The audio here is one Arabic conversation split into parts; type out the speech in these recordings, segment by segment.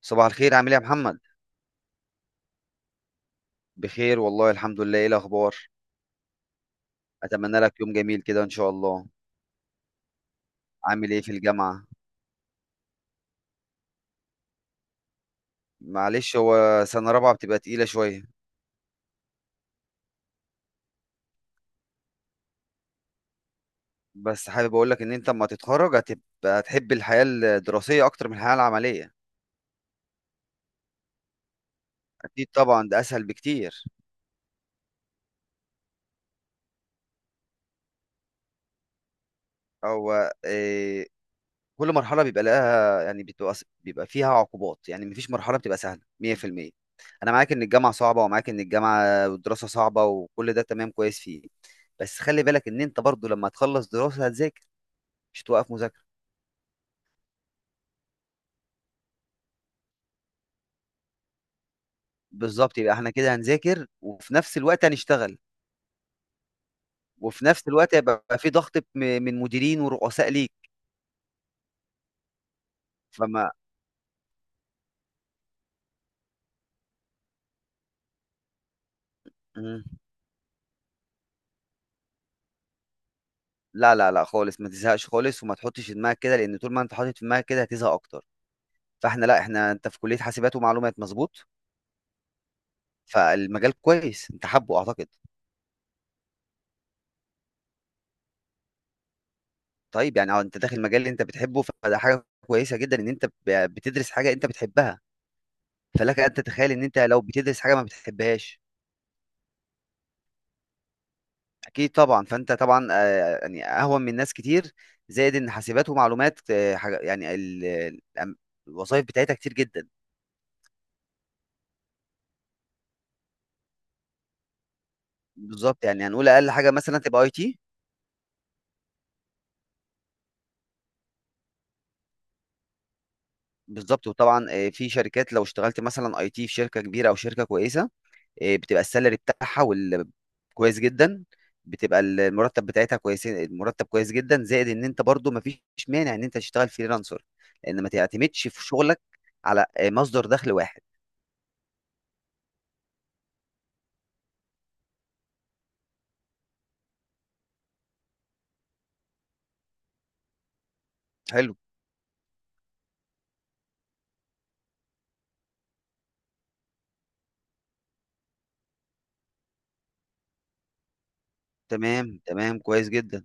صباح الخير، عامل ايه يا محمد؟ بخير والله الحمد لله. ايه الاخبار؟ اتمنى لك يوم جميل كده ان شاء الله. عامل ايه في الجامعه؟ معلش، هو سنه رابعه بتبقى تقيله شويه. بس حابب اقول لك ان انت اما تتخرج هتحب الحياه الدراسيه اكتر من الحياه العمليه. اكيد طبعا، ده اسهل بكتير. هو إيه؟ كل مرحلة بيبقى لها، يعني بيبقى فيها عقوبات. يعني مفيش مرحلة بتبقى سهلة 100%. أنا معاك إن الجامعة صعبة، ومعاك إن الجامعة والدراسة صعبة، وكل ده تمام كويس فيه. بس خلي بالك إن أنت برضو لما تخلص دراسة هتذاكر، مش توقف مذاكرة. بالظبط، يبقى إحنا كده هنذاكر وفي نفس الوقت هنشتغل. وفي نفس الوقت هيبقى في ضغط من مديرين ورؤساء ليك. فما مم. لا لا لا خالص، ما تزهقش خالص، وما تحطش في دماغك كده، لأن طول ما أنت حاطط في دماغك كده هتزهق أكتر. فإحنا، لا، إحنا، أنت في كلية حاسبات ومعلومات، مظبوط. فالمجال كويس، انت حابه اعتقد. طيب يعني، اه، انت داخل مجال اللي انت بتحبه، فده حاجه كويسه جدا ان انت بتدرس حاجه انت بتحبها. فلك ان تتخيل ان انت لو بتدرس حاجه ما بتحبهاش. اكيد طبعا، فانت طبعا، يعني اهون من ناس كتير. زائد ان حاسبات ومعلومات، حاجه يعني، الوظائف بتاعتها كتير جدا. بالظبط، يعني هنقول اقل حاجه مثلا تبقى اي تي. بالظبط، وطبعا، في شركات لو اشتغلت مثلا اي تي في شركه كبيره او شركه كويسه، بتبقى السالري بتاعها كويس جدا، بتبقى المرتب بتاعتها كويس، المرتب كويس جدا. زائد ان انت برضو مفيش مانع ان انت تشتغل فريلانسر، لان ما تعتمدش في شغلك على مصدر دخل واحد. حلو. تمام تمام كويس جدا.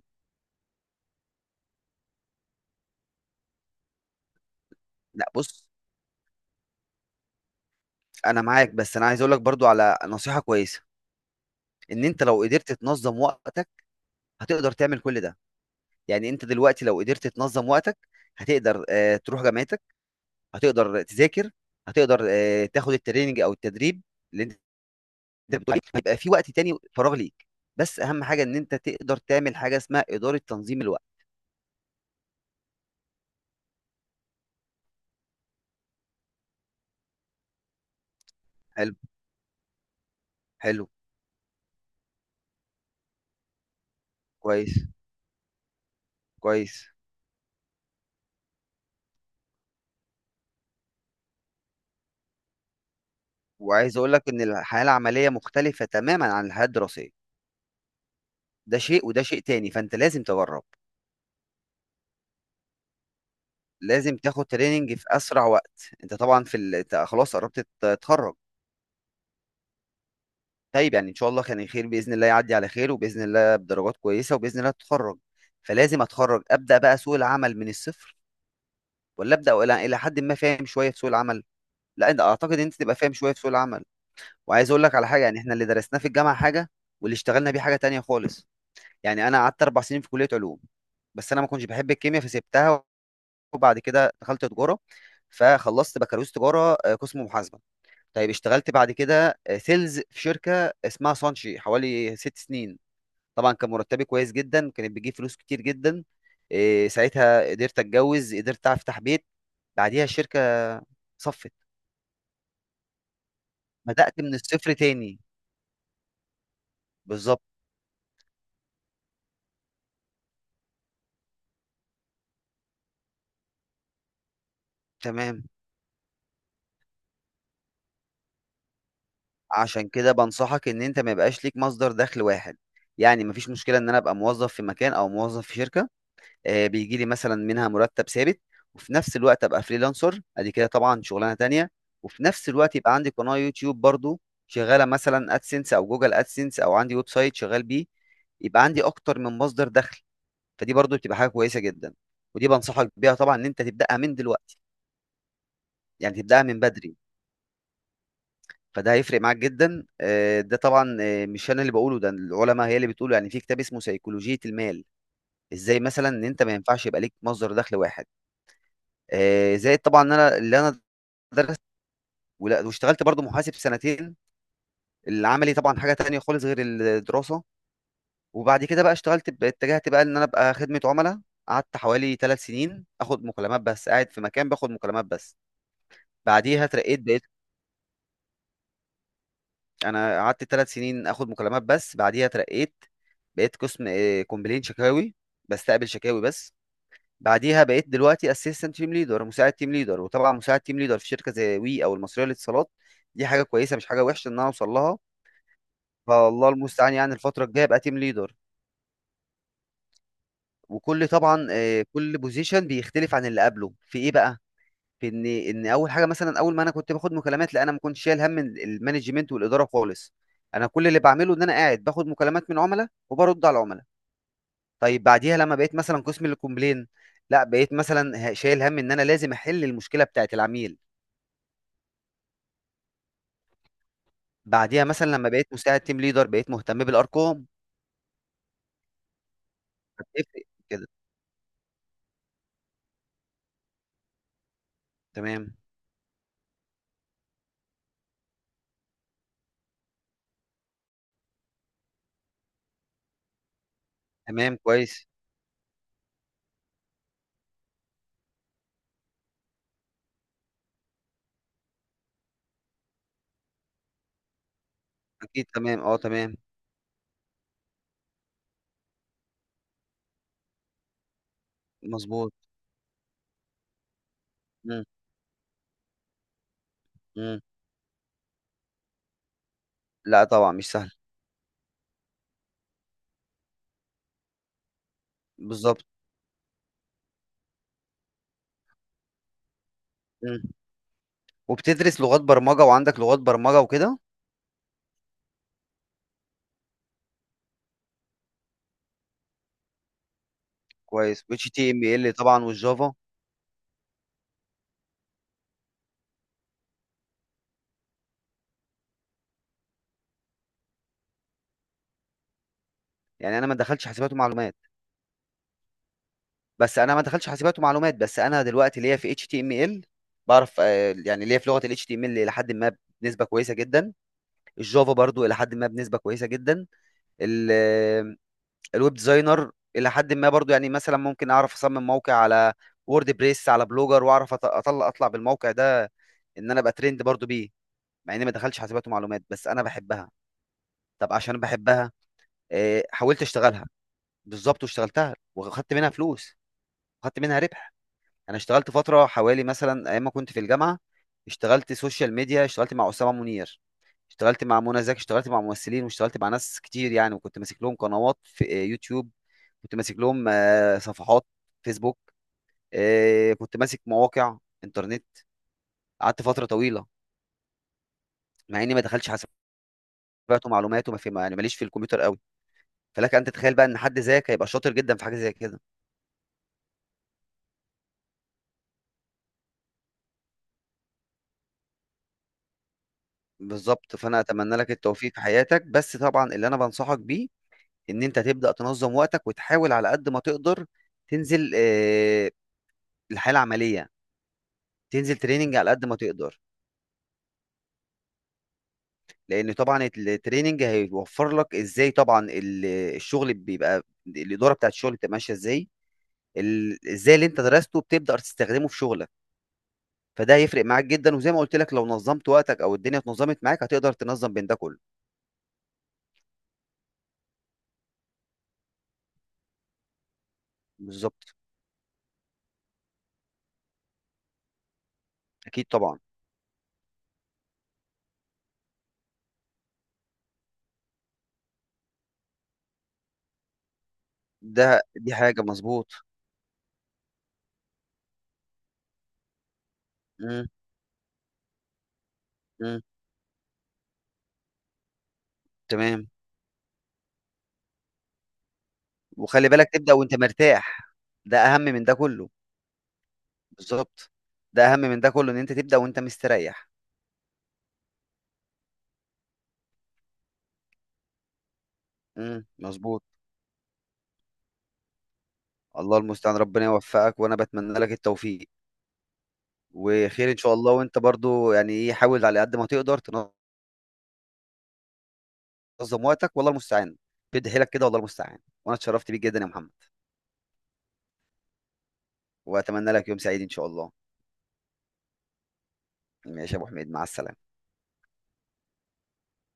لا بص، انا معاك، بس انا عايز اقول لك برضو على نصيحة كويسة. ان انت لو قدرت تنظم وقتك هتقدر تعمل كل ده. يعني انت دلوقتي لو قدرت تنظم وقتك هتقدر، تروح جامعتك، هتقدر تذاكر، هتقدر، تاخد التريننج او التدريب اللي انت، أنت بتقول إيه؟ هيبقى في وقت تاني فراغ ليك. بس اهم حاجه ان انت تقدر تعمل حاجه اسمها اداره تنظيم الوقت. حلو حلو كويس كويس. وعايز اقول لك ان الحياه العمليه مختلفه تماما عن الحياه الدراسيه. ده شيء وده شيء تاني، فانت لازم تجرب. لازم تاخد تريننج في اسرع وقت. انت طبعا في ال... أنت خلاص قربت تتخرج. طيب يعني ان شاء الله كان الخير، باذن الله يعدي على خير، وباذن الله بدرجات كويسه، وباذن الله تتخرج. فلازم اتخرج ابدا بقى سوق العمل من الصفر، ولا ابدا ولا الى حد ما فاهم شويه في سوق العمل؟ لا، انت اعتقد ان انت تبقى فاهم شويه في سوق العمل. وعايز اقول لك على حاجه، يعني احنا اللي درسناه في الجامعه حاجه، واللي اشتغلنا بيه حاجه تانية خالص. يعني انا قعدت اربع سنين في كليه علوم، بس انا ما كنتش بحب الكيمياء فسبتها. وبعد كده دخلت تجاره، فخلصت بكالوريوس تجاره، قسم محاسبه. طيب اشتغلت بعد كده، سيلز في شركه اسمها سانشي حوالي ست سنين. طبعا كان مرتبي كويس جدا، كانت بتجيب فلوس كتير جدا. ساعتها قدرت اتجوز، قدرت افتح بيت. بعديها الشركه صفت. بدات من الصفر تاني. بالظبط. تمام. عشان كده بنصحك ان انت ما يبقاش ليك مصدر دخل واحد. يعني مفيش مشكله ان انا ابقى موظف في مكان او موظف في شركه، بيجي لي مثلا منها مرتب ثابت، وفي نفس الوقت ابقى فريلانسر، ادي كده طبعا شغلانه تانية. وفي نفس الوقت يبقى عندي قناه يوتيوب برضو، شغاله مثلا ادسنس او جوجل ادسنس، او عندي ويب سايت شغال بيه. يبقى عندي اكتر من مصدر دخل. فدي برضو بتبقى حاجه كويسه جدا. ودي بنصحك بيها طبعا ان انت تبداها من دلوقتي، يعني تبداها من بدري. فده هيفرق معاك جدا. ده طبعا، مش انا اللي بقوله، ده العلماء هي اللي بتقوله، يعني في كتاب اسمه سيكولوجية المال، ازاي مثلا ان انت ما ينفعش يبقى ليك مصدر دخل واحد. زائد طبعا ان انا، اللي انا درست واشتغلت برضو محاسب سنتين. العملي طبعا حاجة تانية خالص غير الدراسة. وبعد كده بقى اشتغلت، اتجهت بقى ان انا ابقى خدمة عملاء. قعدت حوالي ثلاث سنين اخد مكالمات بس، قاعد في مكان باخد مكالمات بس. بعديها اترقيت، بقيت، انا قعدت ثلاث سنين اخد مكالمات بس بعديها اترقيت. بقيت قسم، كومبلين، شكاوي، بستقبل شكاوي بس. بعديها بقيت دلوقتي اسيستنت تيم ليدر، مساعد تيم ليدر، وطبعا مساعد تيم ليدر في شركه زي وي او المصريه للاتصالات. دي حاجه كويسه مش حاجه وحشه ان انا اوصل لها. فالله المستعان، يعني الفتره الجايه ابقى تيم ليدر. وكل طبعا، كل بوزيشن بيختلف عن اللي قبله في ايه بقى؟ في ان اول حاجه، مثلا اول ما انا كنت باخد مكالمات، لا انا ما كنتش شايل هم المانجمنت والاداره خالص. انا كل اللي بعمله ان انا قاعد باخد مكالمات من عملاء وبرد على العملاء. طيب بعديها لما بقيت مثلا قسم الكومبلين، لا بقيت مثلا شايل هم ان انا لازم احل المشكله بتاعت العميل. بعديها مثلا لما بقيت مساعد تيم ليدر بقيت مهتم بالارقام، بتفرق كده. تمام تمام كويس. اكيد تمام، اه، تمام. مظبوط. مم. مم. لا طبعا مش سهل. بالظبط. مم. وبتدرس لغات برمجه، وعندك لغات برمجه وكده. كويس، اتش تي ام ال طبعا والجافا. يعني انا ما دخلتش حاسبات ومعلومات، بس انا ما دخلتش حاسبات ومعلومات، بس انا دلوقتي ليا في اتش تي ام ال. بعرف، يعني ليا في لغه الاتش تي ام ال الى حد ما، بنسبه كويسه جدا. الجافا برضو الى حد ما بنسبه كويسه جدا. ال- آه، الويب ديزاينر الى حد ما برضو. يعني مثلا ممكن اعرف اصمم موقع على وورد بريس، على بلوجر، واعرف اطلع بالموقع ده. ان انا ابقى ترند برضو بيه، مع اني ما دخلتش حاسبات ومعلومات بس انا بحبها. طب عشان بحبها، حاولت اشتغلها. بالظبط، واشتغلتها واخدت منها فلوس، واخدت منها ربح. انا اشتغلت فتره حوالي مثلا ايام ما كنت في الجامعه، اشتغلت سوشيال ميديا، اشتغلت مع اسامه منير، اشتغلت مع منى زكي، اشتغلت مع ممثلين، واشتغلت مع ناس كتير يعني. وكنت ماسك لهم قنوات في، يوتيوب، كنت ماسك لهم، صفحات فيسبوك، كنت ماسك مواقع انترنت. قعدت فتره طويله. مع اني ما دخلتش حاسبات ومعلومات، وما في، يعني ماليش في الكمبيوتر قوي. فلك ان تتخيل بقى ان حد زيك هيبقى شاطر جدا في حاجه زي كده. بالظبط. فانا اتمنى لك التوفيق في حياتك. بس طبعا اللي انا بنصحك بيه ان انت تبدا تنظم وقتك، وتحاول على قد ما تقدر تنزل، الحياه العمليه، تنزل تريننج على قد ما تقدر. لان طبعا التريننج هيوفر لك ازاي طبعا الشغل بيبقى، الاداره بتاعت الشغل بتبقى ماشيه ازاي، ازاي اللي انت درسته بتبدا تستخدمه في شغلك. فده هيفرق معاك جدا. وزي ما قلت لك، لو نظمت وقتك او الدنيا اتنظمت معاك هتقدر تنظم بين ده كله. بالظبط. اكيد طبعا. ده، دي حاجه مظبوط. مم. إمم، تمام، وخلّي بالك تبدأ وأنت مرتاح، ده أهم من ده كلّه. بالضبط، ده أهم من ده كلّه إن أنت تبدأ وأنت مستريّح. مضبوط، الله المستعان، ربنا يوفّقك، وأنا باتمنى لك التوفيق، وخير إن شاء الله. وأنت برضه يعني إيه، حاول على قد ما تقدر تنظّم وقتك، والله المستعان، بيد حيلك كده والله المستعان. وأنا اتشرّفت بيك جدًا يا محمد، وأتمنى لك يوم سعيد إن شاء الله. ماشي يا أبو حميد، مع السلامة.